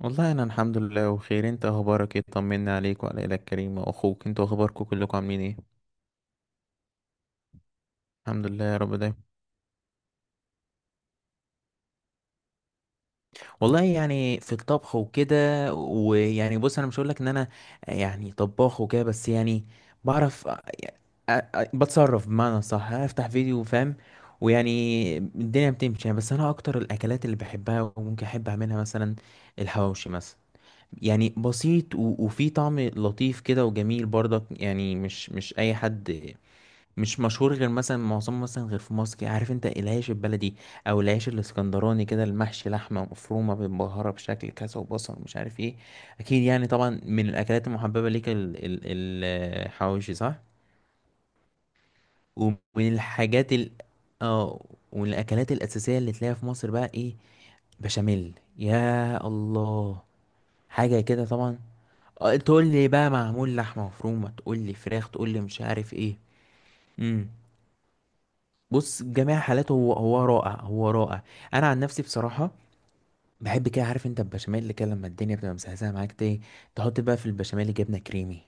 والله انا الحمد لله بخير. انت اخبارك ايه؟ طمنا عليك وعلى الى الكريم واخوك. انتوا اخباركم كلكم عاملين ايه؟ الحمد لله يا رب دايما. والله، يعني في الطبخ وكده. ويعني، بص انا مش هقول لك ان انا يعني طباخ وكده، بس يعني بعرف بتصرف، بمعنى صح، افتح فيديو، فاهم. ويعني الدنيا بتمشي يعني. بس انا اكتر الاكلات اللي بحبها وممكن احب اعملها مثلا الحواوشي مثلا. يعني بسيط و- وفي طعم لطيف كده وجميل برضك. يعني مش اي حد، مش مشهور غير مثلا معظمه، مثلا غير في مصر كده. عارف انت العيش البلدي او العيش الاسكندراني، كده المحشي لحمه مفرومه متبهره بشكل كذا وبصل مش عارف ايه. اكيد يعني طبعا من الاكلات المحببه ليك الحواوشي، صح؟ ومن الحاجات اه، ومن الاكلات الاساسيه اللي تلاقيها في مصر بقى ايه؟ بشاميل، يا الله. حاجه كده طبعا. اه، تقول لي بقى معمول لحمه مفرومه، تقول لي فراخ، تقول لي مش عارف ايه. امم. بص، جميع حالاته هو هو رائع، هو رائع. انا عن نفسي بصراحه بحب كده. عارف انت البشاميل كده لما الدنيا بتبقى مسهسه معاك، ايه، تحط بقى في البشاميل جبنه كريمي،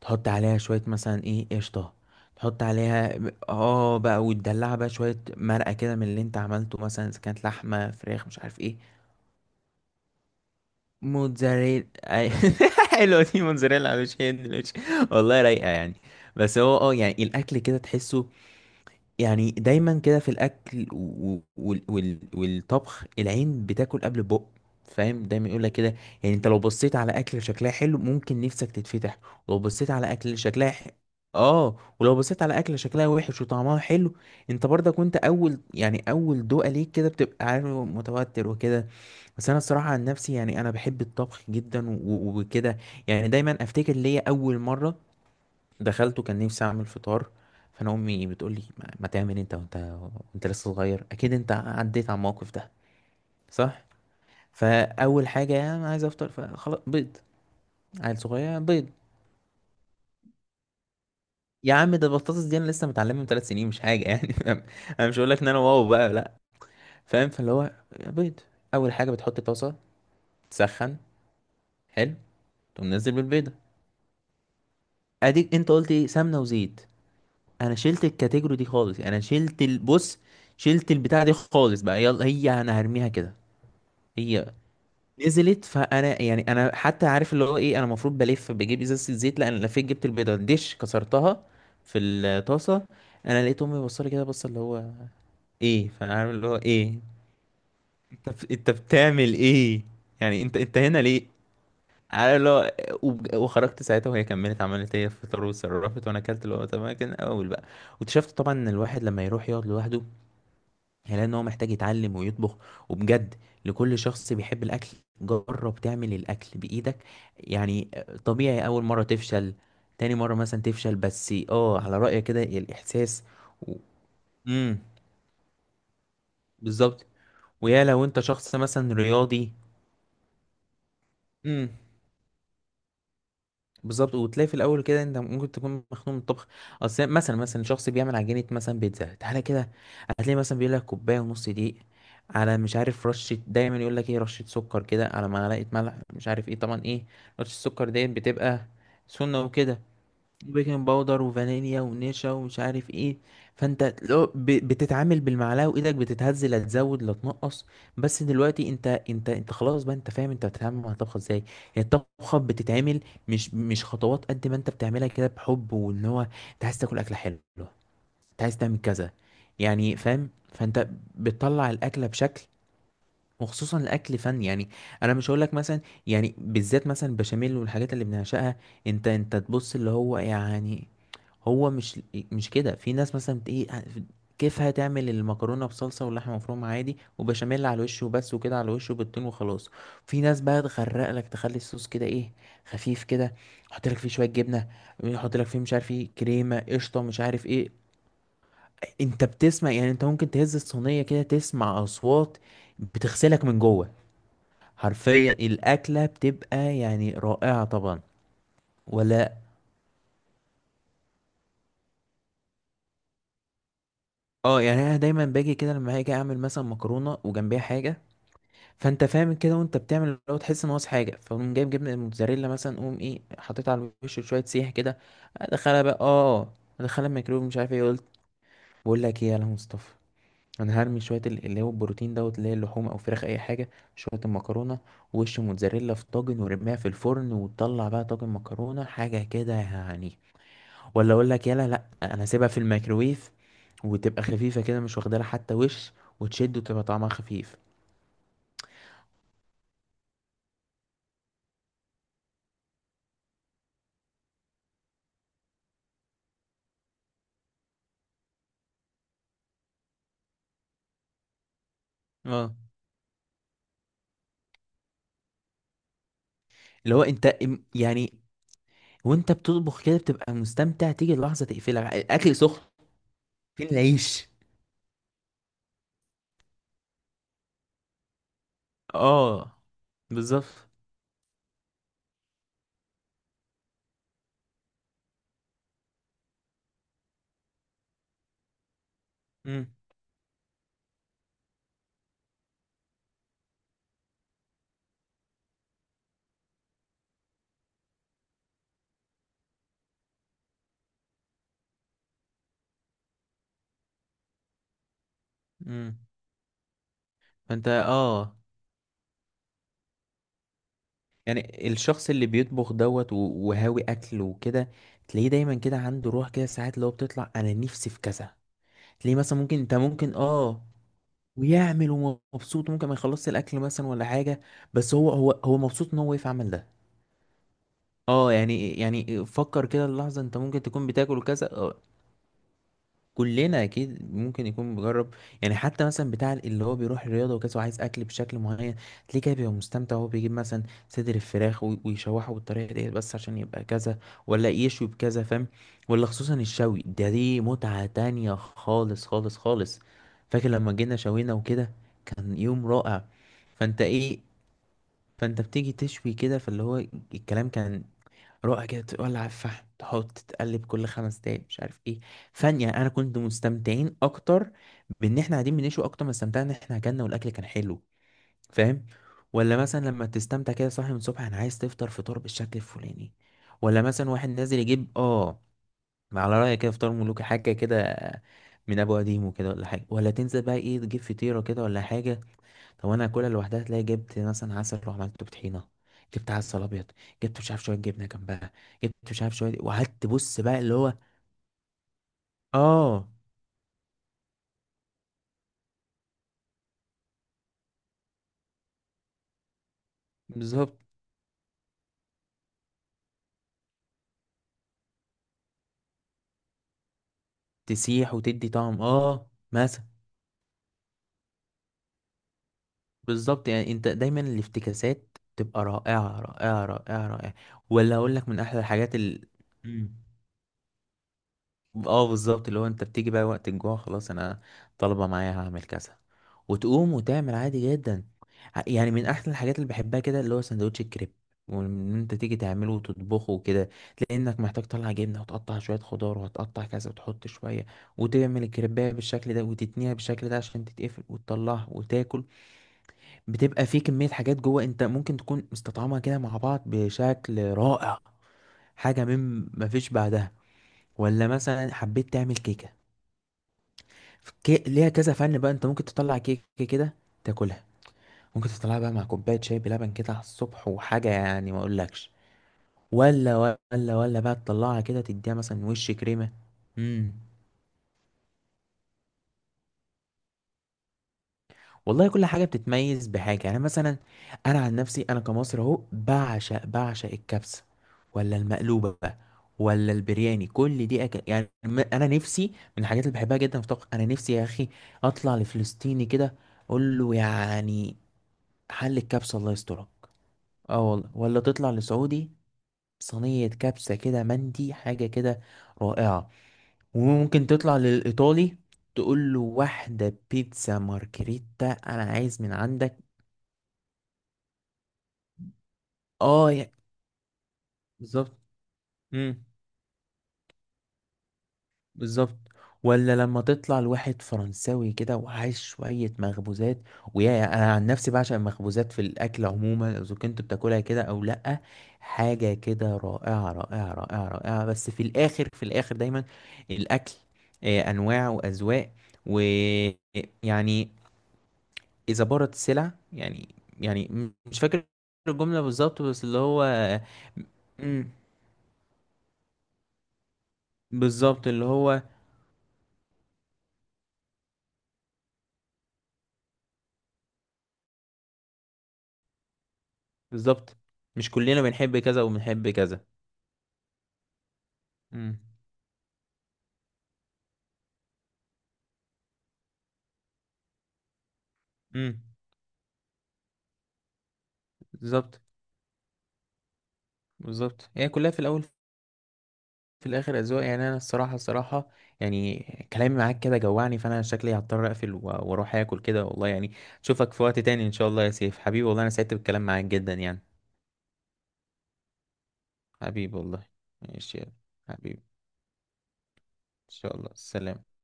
تحط عليها شويه مثلا ايه قشطه، تحط عليها بقى، وتدلعها بقى شويه مرقه كده من اللي انت عملته، مثلا اذا كانت لحمه فراخ مش عارف ايه. موتزاريلا حلوه دي، موتزاريلا على وش. والله رايقه يعني. بس هو، يعني الاكل كده تحسه. يعني دايما كده في الاكل و- وال وال والطبخ، العين بتاكل قبل البق، فاهم، دايما يقول لك كده. يعني انت لو بصيت على اكل شكلها حلو، ممكن نفسك تتفتح. ولو بصيت على اكل شكلها اه، ولو بصيت على اكل شكلها وحش وطعمها حلو، انت برضك وانت اول، يعني اول دوقه ليك كده، بتبقى عارف متوتر وكده. بس انا الصراحه عن نفسي، يعني انا بحب الطبخ جدا و- و- وكده. يعني دايما افتكر ليا اول مره دخلت وكان نفسي اعمل فطار. فانا امي بتقول لي ما ما تعمل انت وانت، وانت لسه صغير. اكيد انت عديت على الموقف ده، صح. فاول حاجه انا عايز افطر، فخلاص، بيض. عيل صغير، بيض. يا عم، ده البطاطس دي انا لسه متعلمها من 3 سنين، مش حاجه يعني. فاهم؟ انا مش هقول لك ان انا واو بقى، لا. فاهم. فاللي هو بيض. اول حاجه بتحط طاسه، تسخن، حلو، تقوم نزل بالبيضه. اديك انت قلت ايه، سمنه وزيت. انا شلت الكاتيجوري دي خالص، يعني انا شلت البص، شلت البتاع دي خالص بقى. يلا هي انا هرميها كده. هي نزلت. فانا يعني انا حتى عارف اللي هو ايه، انا المفروض بلف بجيب ازازه الزيت، لا انا لفيت جبت البيضه الدش، كسرتها في الطاسه. انا لقيت امي بصلي كده، بص اللي هو ايه. فانا عارف اللي هو ايه. انت بتعمل ايه، يعني انت هنا ليه؟ عارف اللي هو. وخرجت ساعتها وهي كملت، عملت هي فطار وصرفت، وانا اكلت اللي هو تمام. كان اول بقى. واكتشفت طبعا ان الواحد لما يروح يقعد لوحده، هيلاقي ان هو محتاج يتعلم ويطبخ، وبجد. لكل شخص بيحب الاكل، جرب تعمل الاكل بايدك يعني. طبيعي اول مره تفشل، تاني مره مثلا تفشل، بس اه، على رايك كده الاحساس و... امم، بالظبط. ويا لو انت شخص مثلا رياضي، بالظبط. وتلاقي في الاول كده انت ممكن تكون مخنوق من الطبخ. اصل مثلا شخص بيعمل عجينه مثلا بيتزا، تعالى كده. هتلاقي مثلا بيقول لك كوبايه ونص دقيق، على مش عارف رشه، دايما يقول لك ايه رشه سكر كده، على معلقه ملح، مش عارف ايه، طبعا ايه رشه السكر ديت بتبقى سنه وكده، وبيكنج باودر وفانيليا ونشا ومش عارف ايه. فانت لو بتتعامل بالمعلقه وايدك بتتهز، لا تزود لا تنقص. بس دلوقتي انت خلاص بقى، انت فاهم انت بتتعامل مع الطبخه ازاي. هي الطبخه بتتعمل، مش خطوات، قد ما انت بتعملها كده بحب، وان هو انت عايز تاكل اكله حلوه، انت عايز تعمل كذا، يعني فاهم. فانت بتطلع الاكله بشكل. وخصوصا الاكل فن يعني. انا مش هقول لك مثلا، يعني بالذات مثلا البشاميل والحاجات اللي بنعشقها، انت تبص اللي هو يعني. هو مش مش كده. في ناس مثلا ايه، كيفها تعمل المكرونه بصلصه واللحمه مفرومه عادي وبشاميل على الوش وبس، وكده على الوش وبالتون وخلاص. في ناس بقى تغرق لك، تخلي الصوص كده ايه، خفيف كده، يحط لك فيه شويه جبنه، يحط لك فيه مش عارف ايه كريمه قشطه، مش عارف ايه. انت بتسمع، يعني انت ممكن تهز الصينيه كده تسمع اصوات، بتغسلك من جوه. حرفيا الاكله بتبقى يعني رائعه طبعا. ولا، اه يعني انا دايما باجي كده لما هاجي اعمل مثلا مكرونه وجنبيها حاجه. فانت فاهم كده، وانت بتعمل لو تحس ان ناقص حاجه، فقوم جايب جبنه الموتزاريلا مثلا، قوم ايه، حطيتها على الوش شويه سيح كده. ادخلها بقى، اه، ادخلها الميكرويف مش عارف ايه. قلت بقول لك ايه يا مصطفى، انا هرمي شويه اللي هو البروتين دوت، اللي هي اللحوم او فراخ اي حاجه، شويه المكرونه، وش موتزاريلا في طاجن ورميها في الفرن، وتطلع بقى طاجن مكرونه حاجه كده يعني. ولا اقول لك يلا، لا انا هسيبها في الميكروويف، وتبقى خفيفه كده، مش واخده لها حتى وش، وتشد وتبقى طعمها خفيف. اه، اللي هو انت يعني، وانت بتطبخ كده بتبقى مستمتع، تيجي لحظه تقفلها الاكل سخن. فين العيش؟ اه، بالظبط. امم امم فانت، يعني الشخص اللي بيطبخ دوت وهاوي اكل وكده، تلاقيه دايما كده عنده روح كده ساعات، اللي هو بتطلع انا نفسي في كذا. تلاقيه مثلا ممكن، انت ممكن ويعمل ومبسوط، ممكن ما يخلصش الاكل مثلا ولا حاجه، بس هو مبسوط ان هو واقف عمل ده. اه، يعني فكر كده اللحظه انت ممكن تكون بتاكل وكذا. كلنا اكيد ممكن يكون مجرب. يعني حتى مثلا بتاع اللي هو بيروح الرياضه وكده، وعايز اكل بشكل معين، تلاقيه كده بيبقى مستمتع، وهو بيجيب مثلا صدر الفراخ وي- ويشوحه بالطريقه ديت، بس عشان يبقى كذا. ولا يشوي بكذا، فاهم. ولا خصوصا الشوي ده، دي متعه تانية خالص خالص خالص. فاكر لما جينا شوينا وكده، كان يوم رائع. فانت ايه، فانت بتيجي تشوي كده، فاللي هو الكلام كان رائع كده، تولع الفحم، تحط تقلب كل 5 دقايق مش عارف ايه. فن يعني. انا كنت مستمتعين اكتر بان احنا قاعدين بنشوي اكتر ما استمتعنا ان احنا اكلنا، والاكل كان حلو، فاهم. ولا مثلا لما تستمتع كده صاحي من الصبح، انا عايز تفطر فطار بالشكل الفلاني. ولا مثلا واحد نازل يجيب على رأيك كده فطار ملوكي حاجه كده، من ابو قديم وكده ولا حاجه. ولا تنزل بقى ايه، تجيب فطيره كده ولا حاجه. طب انا اكلها لوحدها، تلاقي جبت مثلا عسل، روح عملته بطحينه، جبت عسل ابيض، جبت مش عارف شويه جبنه جنبها، جبت مش عارف شويه، وقعدت بص بقى اللي هو اه، بالظبط. تسيح وتدي طعم، اه مثلا. بالظبط. يعني انت دايما الافتكاسات تبقى رائعه رائعه رائعه رائعه. ولا اقول لك من احلى الحاجات مم. اه، بالظبط. اللي هو انت بتيجي بقى وقت الجوع، خلاص انا طالبه معايا، هعمل كذا، وتقوم وتعمل عادي جدا. يعني من احسن الحاجات اللي بحبها كده، اللي هو سندوتش الكريب، وان انت تيجي تعمله وتطبخه وكده. لانك محتاج تطلع جبنه وتقطع شويه خضار، وهتقطع كذا وتحط شويه، وتعمل الكريبايه بالشكل ده، وتتنيها بالشكل ده عشان تتقفل، وتطلعها وتاكل. بتبقى في كميه حاجات جوه، انت ممكن تكون مستطعمها كده مع بعض بشكل رائع. حاجه من مفيش بعدها. ولا مثلا حبيت تعمل كيكه، ليها كذا فن بقى، انت ممكن تطلع كيك كده، تاكلها. ممكن تطلعها بقى مع كوبايه شاي بلبن كده على الصبح، وحاجه يعني ما اقولكش. ولا، ولا، ولا بقى تطلعها كده تديها مثلا وش كريمه. امم والله كل حاجه بتتميز بحاجه يعني، مثلا انا عن نفسي، انا كمصري اهو بعشق بعشق الكبسه، ولا المقلوبه بقى، ولا البرياني، كل دي أكل يعني. انا نفسي من الحاجات اللي بحبها جدا في الطبخ، انا نفسي يا اخي اطلع لفلسطيني كده، اقول له يعني حل الكبسة الله يسترك. اه والله. ولا تطلع لسعودي صينية كبسة كده، مندي حاجة كده، رائعة. وممكن تطلع للإيطالي تقول له واحدة بيتزا مارجريتا أنا عايز من عندك. اه، بالظبط. مم. بالظبط. ولا لما تطلع لواحد فرنساوي كده وعايش شوية مخبوزات، ويا، انا عن نفسي بعشق المخبوزات في الاكل عموما، اذا كنت بتاكلها كده او لا. حاجة كده رائعة رائعة رائعة رائعة. بس في الاخر، في الاخر دايما الاكل آه، انواع واذواق، ويعني اذا بارت السلع يعني. يعني مش فاكر الجملة بالظبط، بس اللي هو م- بالظبط اللي هو بالظبط. مش كلنا بنحب كذا وبنحب كذا. امم امم بالظبط، بالظبط. هي كلها في الاول، في الاخر اذواق يعني. انا الصراحه الصراحه يعني كلامي معاك كده جوعني، فانا شكلي هضطر اقفل و- واروح اكل كده والله. يعني اشوفك في وقت تاني ان شاء الله يا سيف. حبيبي والله، انا سعدت بالكلام معاك جدا يعني. حبيبي والله. ماشي، يلا. حبيبي. ان شاء الله، سلام.